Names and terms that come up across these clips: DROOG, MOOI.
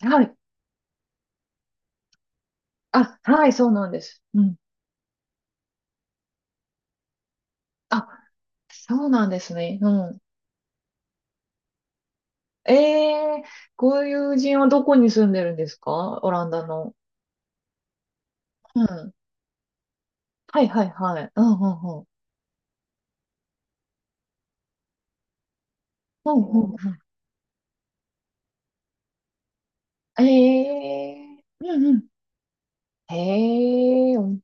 はい。あ、はい、そうなんです。うん。あ、そうなんですね。うん。ええ、ご友人はどこに住んでるんですか、オランダの。うん。はい、はい、はい。うん、うん、うん。うん、うん、うん。ええ、うん、うん。ええ、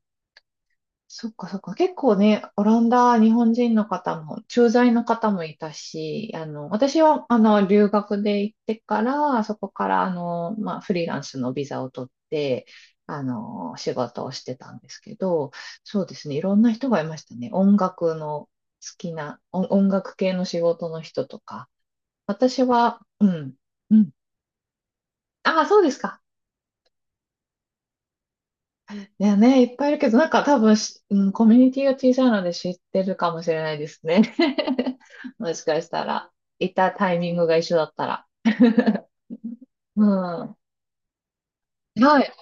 そっかそっか。結構ね、オランダ、日本人の方も、駐在の方もいたし、私は、留学で行ってから、そこから、まあ、フリーランスのビザを取って、仕事をしてたんですけど、そうですね、いろんな人がいましたね。音楽の好きな、音楽系の仕事の人とか。私は、うん、うん。ああ、そうですか。いやね、いっぱいいるけど、なんか多分うん、コミュニティが小さいので知ってるかもしれないですね。もしかしたら、いたタイミングが一緒だったら。うん。はい。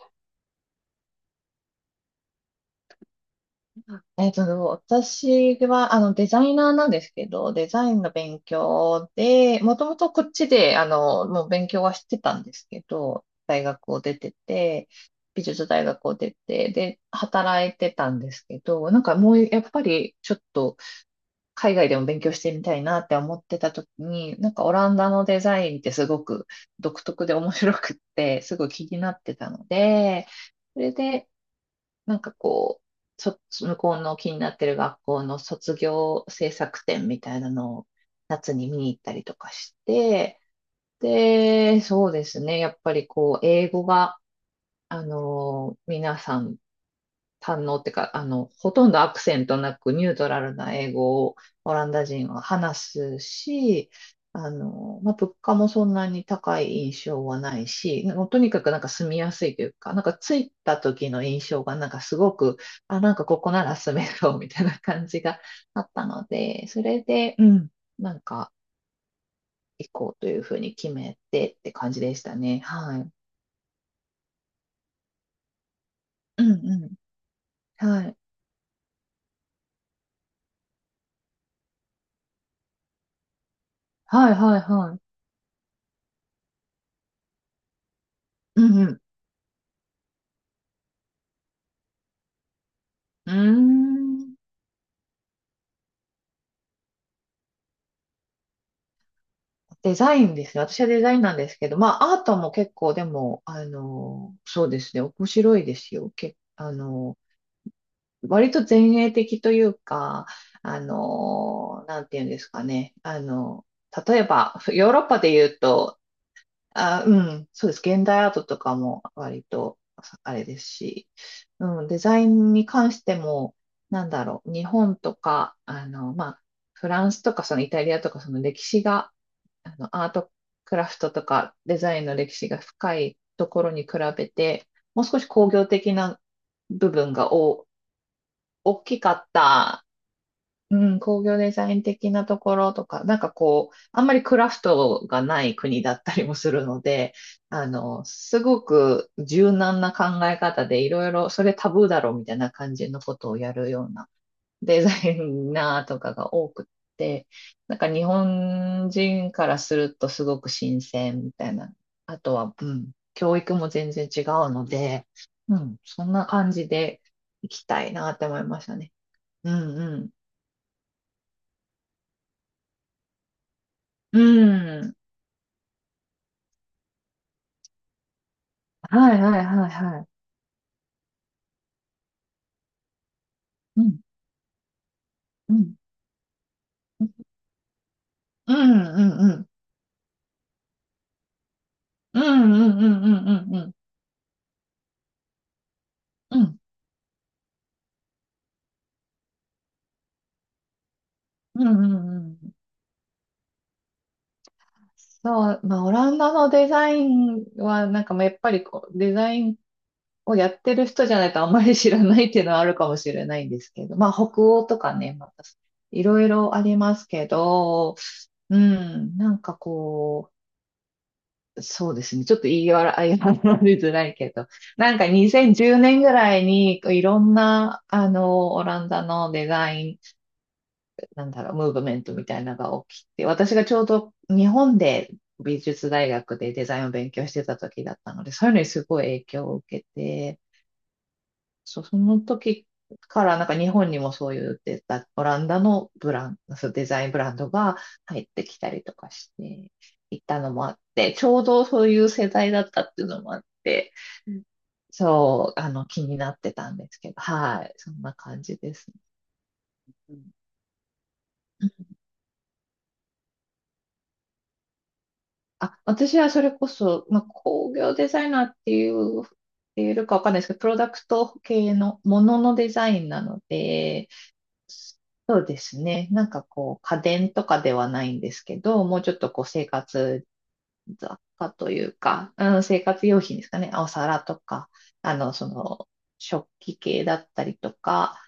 えっと、私は、デザイナーなんですけど、デザインの勉強で、もともとこっちで、もう勉強はしてたんですけど、大学を出てて、美術大学を出て、で、働いてたんですけど、なんかもう、やっぱり、ちょっと、海外でも勉強してみたいなって思ってた時に、なんかオランダのデザインってすごく独特で面白くって、すごい気になってたので、それで、なんかこう、向こうの気になってる学校の卒業制作展みたいなのを夏に見に行ったりとかして、で、そうですね、やっぱりこう、英語が、皆さん堪能ってか、ほとんどアクセントなくニュートラルな英語をオランダ人は話すし、まあ、物価もそんなに高い印象はないし、もうとにかくなんか住みやすいというか、なんか着いた時の印象がなんかすごく、あ、なんかここなら住めそうみたいな感じがあったので、それで、うん、なんか行こうというふうに決めてって感じでしたね。はい。うんうん。はい。はいはいはい。うんうん。うーん。デザインですね。私はデザインなんですけど、まあ、アートも結構、でも、そうですね、面白いですよ。割と前衛的というか、なんていうんですかね。例えば、ヨーロッパで言うと、あ、うん、そうです。現代アートとかも割と、あれですし、うん、デザインに関しても、なんだろう、日本とか、まあ、フランスとか、そのイタリアとか、その歴史が、アートクラフトとかデザインの歴史が深いところに比べて、もう少し工業的な部分が大きかった、うん、工業デザイン的なところとか、なんかこう、あんまりクラフトがない国だったりもするので、すごく柔軟な考え方でいろいろ、それタブーだろうみたいな感じのことをやるようなデザイナーとかが多くって、なんか日本人からするとすごく新鮮みたいな。あとは、うん、教育も全然違うので、うん、そんな感じで行きたいなって思いましたね。うんうん。うん。はいはいはいはい。うん、うん。うんうんうん。うんうんうんうんうんうん。うんうんうんうん。そう、まあ、オランダのデザインは、なんかまあやっぱりこう、デザインをやってる人じゃないとあんまり知らないっていうのはあるかもしれないんですけど、まあ北欧とかね、またいろいろありますけど、うん、なんかこう、そうですね、ちょっと言い笑いがりづらいけど、なんか2010年ぐらいにいろんな、オランダのデザイン、なんだろう、ムーブメントみたいなのが起きて、私がちょうど日本で美術大学でデザインを勉強してた時だったので、そういうのにすごい影響を受けて、そう、その時からなんか日本にもそういうオランダのブランド、そうデザインブランドが入ってきたりとかしていったのもあって、ちょうどそういう世代だったっていうのもあって、うん、そう、気になってたんですけど、はい、そんな感じですね。うん、あ、私はそれこそ、まあ、工業デザイナーっていうかわかんないですけど、プロダクト系のもののデザインなので、ですね。なんかこう、家電とかではないんですけど、もうちょっとこう、生活雑貨というか、うん、生活用品ですかね。お皿とか、あの、その、食器系だったりとか、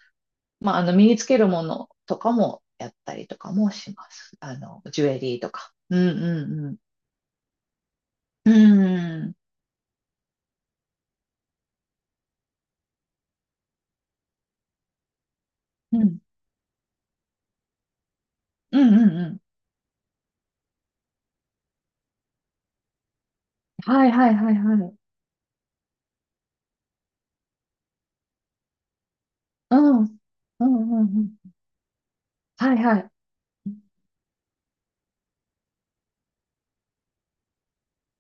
まあ、身につけるものとかもやったりとかもします。ジュエリーとか。うんうんうん。うんうん。うんうんうん。はいはいはいはい。うん。うんうんうん。はいはい。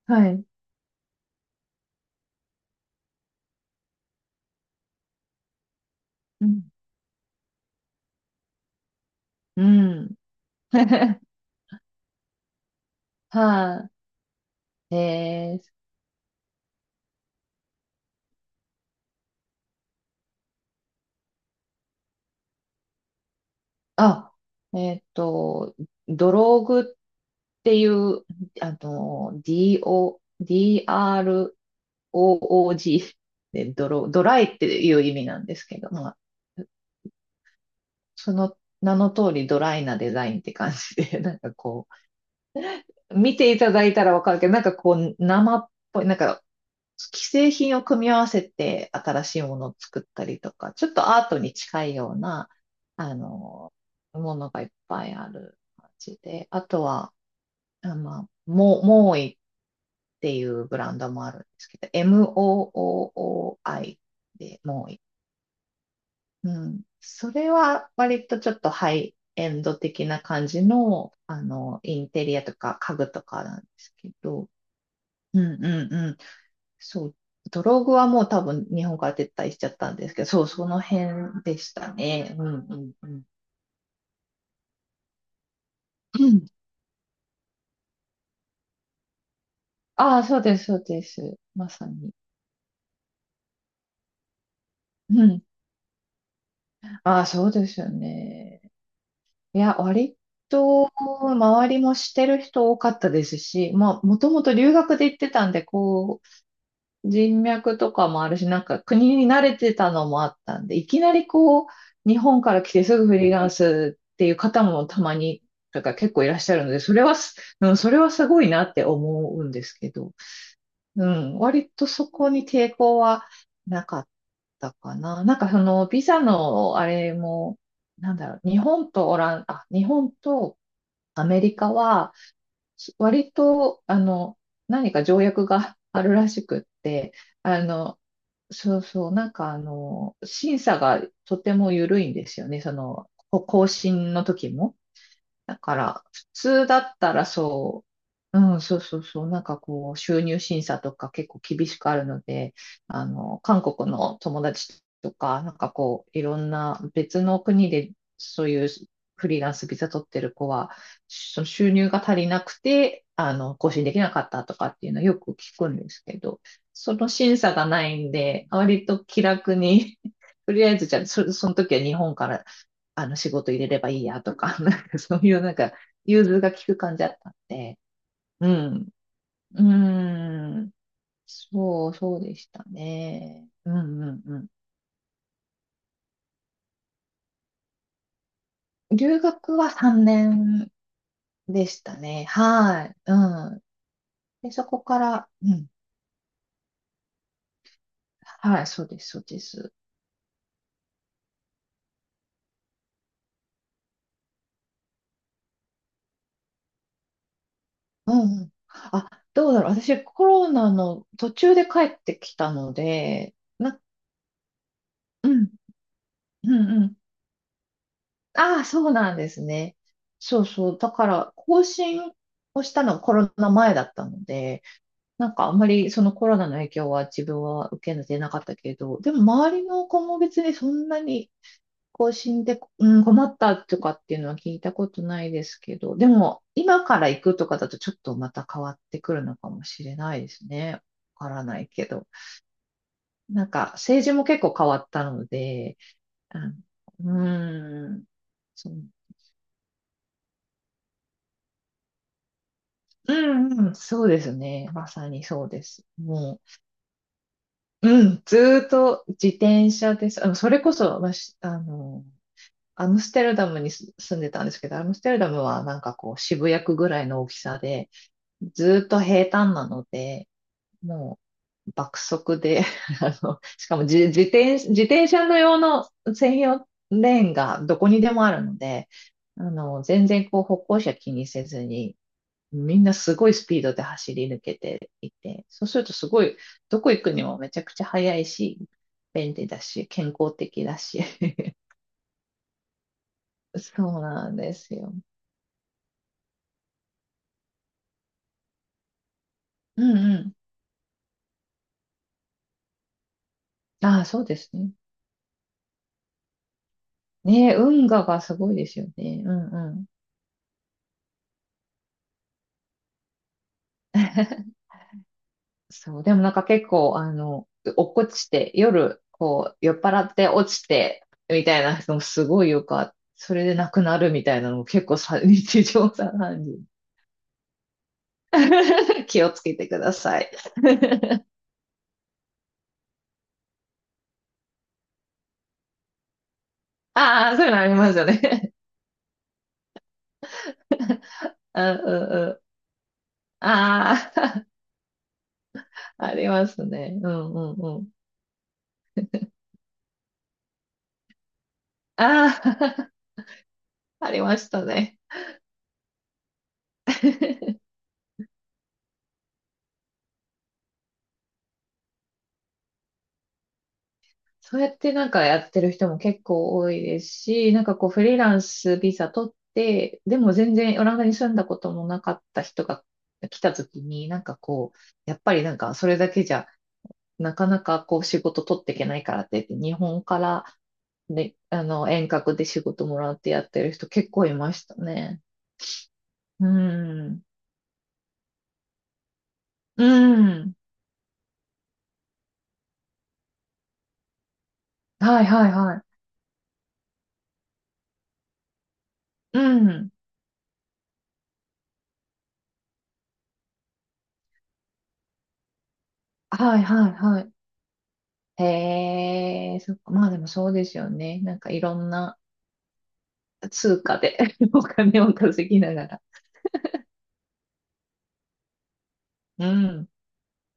はい。うん。うん。はい。えー、あ、えーっと、ドローグっていう、DO、DROOG で、ドライっていう意味なんですけど、まあ、その名の通りドライなデザインって感じで、なんかこう、見ていただいたらわかるけど、なんかこう、生っぽい、なんか既製品を組み合わせて新しいものを作ったりとか、ちょっとアートに近いような、あの、ものがいっぱいある感じで、あとは、あ、まあ、モモーイっていうブランドもあるんですけど、MOOI で、モーイ。うん。それは割とちょっとハイエンド的な感じの、インテリアとか家具とかなんですけど、うんうん、そう、ドログはもう多分日本から撤退しちゃったんですけど、そう、その辺でしたね。うんうんうん。うん、ああ、そうです、そうです。まさに。うん。ああ、そうですよね。いや、割と周りもしてる人多かったですし、まあ、もともと留学で行ってたんで、人脈とかもあるし、なんか国に慣れてたのもあったんで、いきなりこう、日本から来てすぐフリーランスっていう方もたまに、とか結構いらっしゃるので、それはうん、それはすごいなって思うんですけど、うん、割とそこに抵抗はなかったかな。なんかその、ビザのあれも、なんだろう、日本とオラン、あ、日本とアメリカは、割と、何か条約があるらしくって、あの、そうそう、なんか審査がとても緩いんですよね。その、更新の時も。だから、普通だったらそう、うん、そうそうそう、なんかこう、収入審査とか結構厳しくあるので、韓国の友達とか、なんかこう、いろんな別の国でそういうフリーランスビザ取ってる子は、その収入が足りなくて、更新できなかったとかっていうのはよく聞くんですけど、その審査がないんで、割と気楽に、とりあえずじゃあ、その時は日本から仕事入れればいいやとか、なんかそういうなんか融通が利く感じだったんで、うん。うーん。そう、そうでしたね。うんうんうん。留学は3年でしたね。はい。うん。で、そこから、うん。はい、そうです、そうです。うんうん。あ、どうだろう。私、コロナの途中で帰ってきたので、うん、うん、うん。ああ、そうなんですね。そうそう。だから、更新をしたのはコロナ前だったので、なんかあんまりそのコロナの影響は自分は受けてなかったけど、でも周りの子も別にそんなに更新で、うん、困ったとかっていうのは聞いたことないですけど、でも今から行くとかだとちょっとまた変わってくるのかもしれないですね。わからないけど。なんか政治も結構変わったので、あのうーん。そううんうん、そうですね。まさにそうです。もう、うん、ずーっと自転車です。それこそ、まあ、しあの、アムステルダムに住んでたんですけど、アムステルダムはなんかこう渋谷区ぐらいの大きさで、ずーっと平坦なので、もう爆速で、しかも自転車の用の専用レーンがどこにでもあるので、全然こう歩行者気にせずにみんなすごいスピードで走り抜けていて、そうするとすごい、どこ行くにもめちゃくちゃ速いし、便利だし、健康的だし。そうなんですよ。うんうん。ああ、そうですね。ねえ運河がすごいですよね。うんうん。そう、でもなんか結構、落っこちて、夜、こう、酔っ払って落ちて、みたいな人もすごいよかった。それで亡くなるみたいなのも結構さ、日常茶飯事。気をつけてください。ああ、そういうのありますよね。うんうんうん。ああ、ありますね。うんうんうん。ああ、ありましたね。そうやってなんかやってる人も結構多いですし、なんかこうフリーランスビザ取って、でも全然オランダに住んだこともなかった人が来た時に、なんかこう、やっぱりなんかそれだけじゃなかなかこう仕事取っていけないからって言って、日本からで、遠隔で仕事もらってやってる人結構いましたね。うん。うん。はいはいはい。うん。はいはいはい。へえ、そっか。まあでもそうですよね。なんかいろんな通貨で お金を稼ぎながら。うん。